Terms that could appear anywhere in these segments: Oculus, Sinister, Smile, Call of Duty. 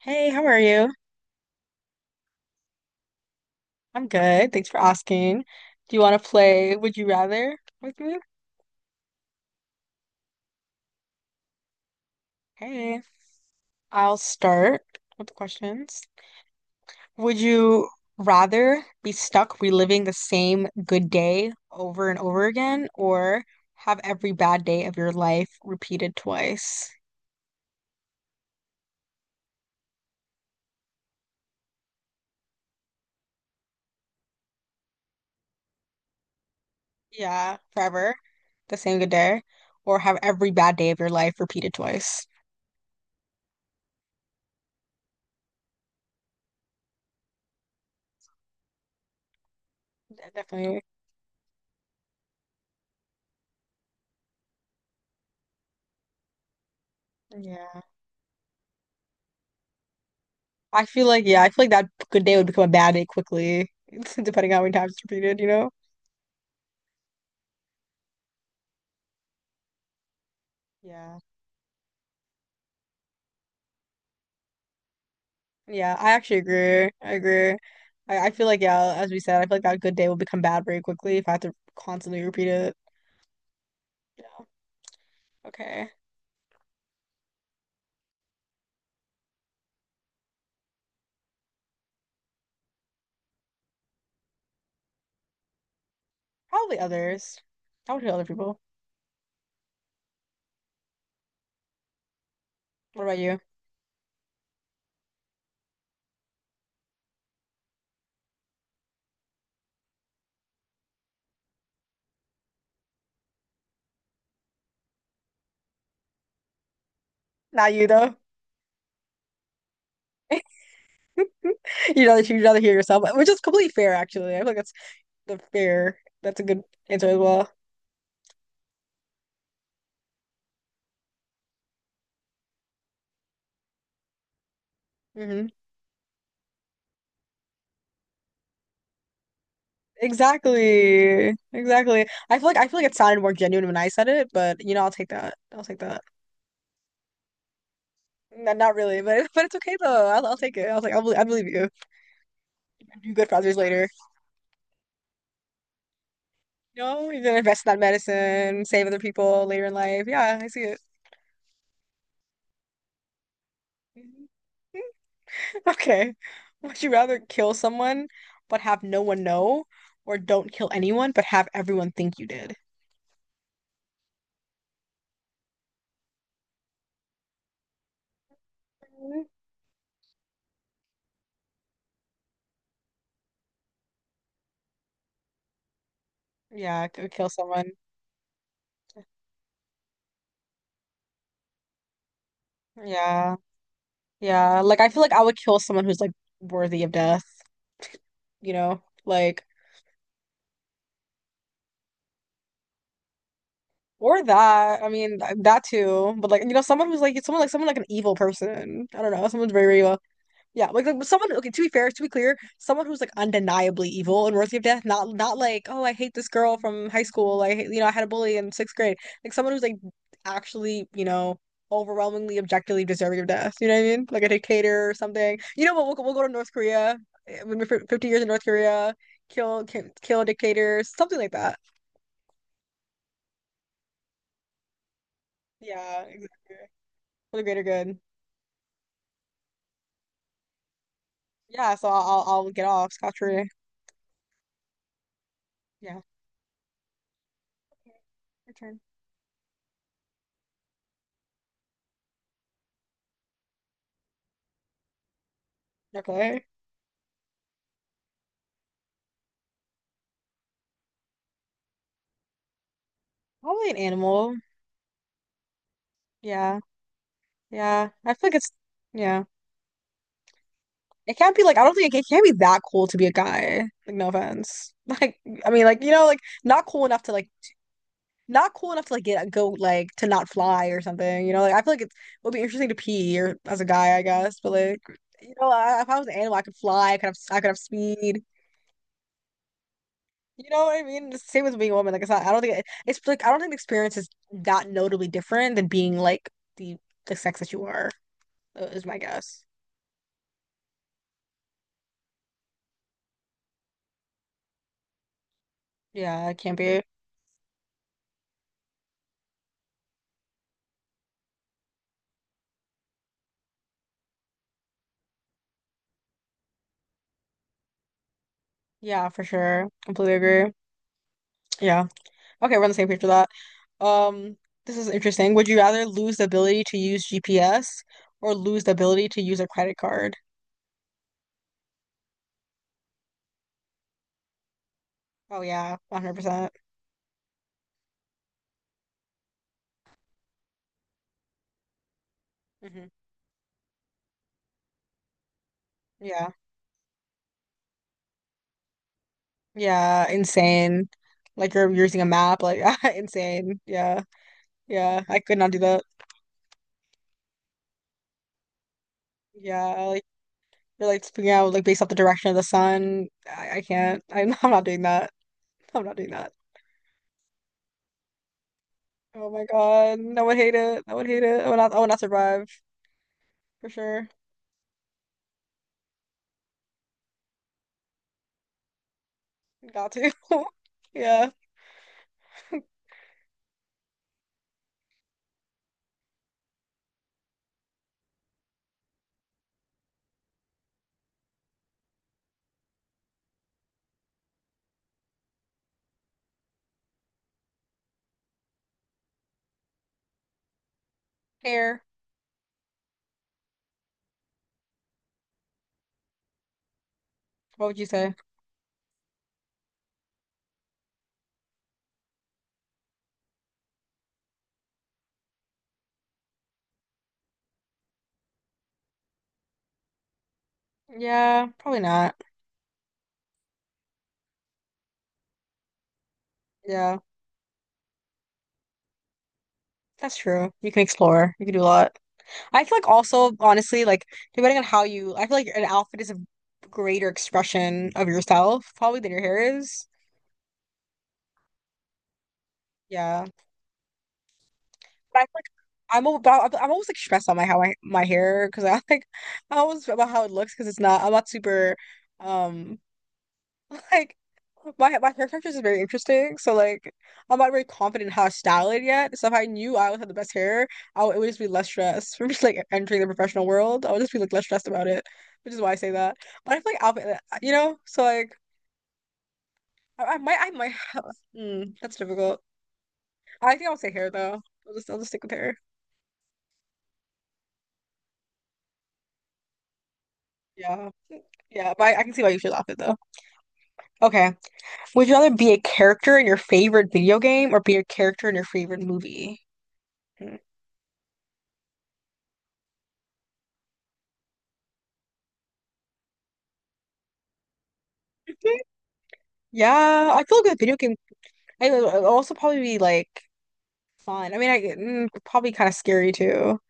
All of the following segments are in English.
Hey, how are you? I'm good. Thanks for asking. Do you want to play Would You Rather with me? Hey, I'll start with the questions. Would you rather be stuck reliving the same good day over and over again, or have every bad day of your life repeated twice? Yeah, forever. The same good day. Or have every bad day of your life repeated twice. Definitely. Yeah. I feel like that good day would become a bad day quickly, depending on how many times it's repeated. Yeah. Yeah, I actually agree. I agree. I feel like yeah, as we said, I feel like that good day will become bad very quickly if I have to constantly repeat it. Yeah. Okay. Probably others. I would hear other people. What about you? Not you though. You'd rather hear yourself, which is completely fair actually. I feel like that's the fair. That's a good answer as well. Hmm Exactly. Exactly. I feel like it sounded more genuine when I said it, but I'll take that. I'll take that. Not really, but but it's okay though. I'll take it. I'll take. I believe you. Do good for others later. No, you're gonna invest in that medicine, save other people later in life. Yeah, I see it. Mhm. Okay. Would you rather kill someone but have no one know, or don't kill anyone but have everyone think you did? Mhm. Yeah, I could kill someone. Yeah. Yeah. Like I feel like I would kill someone who's like worthy of death. you know, like or that. I mean, that too. But like, someone who's like someone like an evil person. I don't know. Someone's very, very evil. Yeah, like someone. Okay, to be fair, to be clear, someone who's like undeniably evil and worthy of death. Not not like, oh, I hate this girl from high school. I hate, I had a bully in sixth grade. Like someone who's like actually, you know. Overwhelmingly, objectively deserving of death. You know what I mean? Like a dictator or something. You know what? We'll go to North Korea. We're 50 years in North Korea. Kill, kill a dictator. Something like that. Yeah, exactly. For the greater good. Yeah, so I'll I'll get off scot-free. Yeah. Okay. Your turn. Okay. Probably an animal. Yeah. Yeah. I feel like it's yeah. It can't be like I don't think it, it can't be that cool to be a guy. Like no offense. Like I mean like you know like not cool enough to like not cool enough to like get go like to not fly or something. You know like I feel like it's, it would be interesting to pee or as a guy I guess, but like you know I, if I was an animal I could fly I could have speed. You know what I mean? It's the Same with being a woman. Like it's not, I don't think it, it's like I don't think the experience is that notably different than being like the the sex that you are, is my guess. Yeah, it can't be. Yeah, for sure. Completely agree. Yeah. Okay, we're on the same page with that. Um, this is interesting. Would you rather lose the ability to use GPS or lose the ability to use a credit card? Oh yeah, 100%. Hmm Yeah. Yeah, insane. Like you're using a map, like insane. Yeah. Yeah, I could not do that. Yeah, you're like speaking out like based off the direction of the sun. I can't. I'm, I'm not doing that. I'm not doing that. Oh my God. I would hate it. I would hate it. I would not survive for sure. Got to. Yeah. Hair. What would you say? Yeah, probably not. Yeah. That's true. You can explore. You can do a lot. I feel like also, honestly, like depending on how you, I feel like an outfit is a greater expression of yourself probably than your hair is. Yeah. But I'm like, I'm about, I'm almost like stressed on my how I, my hair because I like, I always about how it looks because it's not, I'm not super, um, like my hair texture is very interesting. So like, I'm not very confident in how to style it yet. So if I knew I would have the best hair, I would, it would just be less stressed from just like entering the professional world. I would just be like less stressed about it, which is why I say that. But I feel like outfit, you know, so like, I might, that's difficult. I think I'll say hair though. I'll just stick with hair. Yeah. Yeah, but I can see why you should laugh at though. Okay. Would you rather be a character in your favorite video game or be a character in your favorite movie? Hmm. Mhm. Yeah, I feel like with a video game, I would it'd also probably be like fun. I mean, I probably kind of scary too.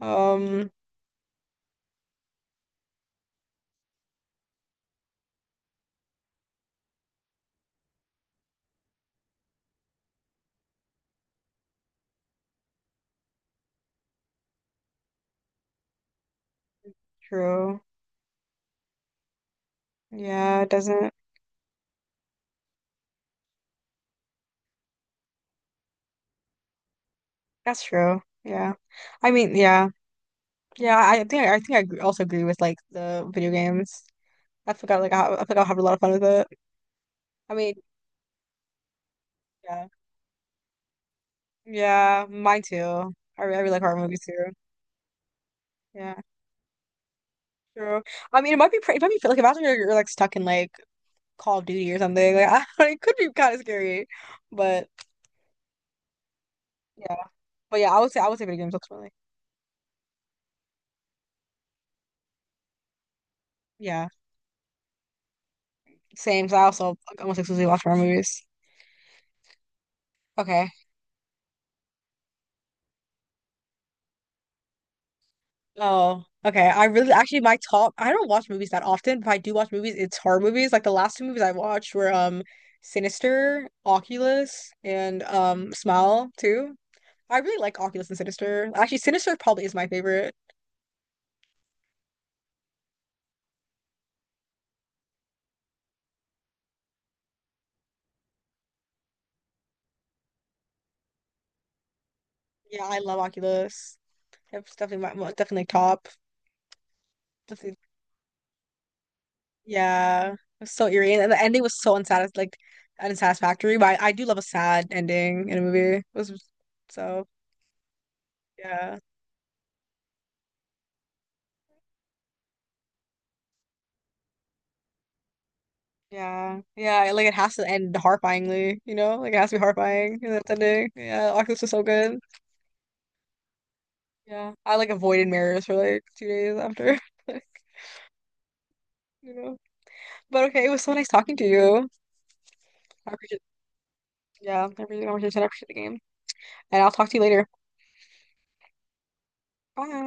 Um, true. Yeah, it doesn't. That's true. Yeah. I mean, yeah, yeah. I think I agree- also agree with like the video games. I forgot like I think I'll have a lot of fun with it. I mean, yeah. Yeah, mine too. I really like horror movies too. Yeah, true. I mean, it might be pretty, it might be like if after you're like stuck in like Call of Duty or something, like I it could be kind of scary. But yeah, but yeah, I would say video games ultimately. Yeah, same. 'Cause I also like, almost exclusively watch horror movies. Okay. Oh, okay. I really actually my top. I don't watch movies that often, but if I do watch movies, it's horror movies. Like the last two movies I watched were Sinister, Oculus, and Smile too. I really like Oculus and Sinister. Actually, Sinister probably is my favorite. Yeah, I love Oculus. It's definitely my well, definitely top. Definitely, yeah, it was so eerie, and the ending was so unsatis like unsatisfactory. But I do love a sad ending in a movie. It was so yeah, yeah. Like it has to end horrifyingly, you know? Like it has to be horrifying in that ending. Yeah, Oculus was so good. Yeah, I like avoided mirrors for like 2 days after, you know. But okay, it was so nice talking to you. I appreciate Yeah, every conversation after the game. And I'll talk to you later. Bye.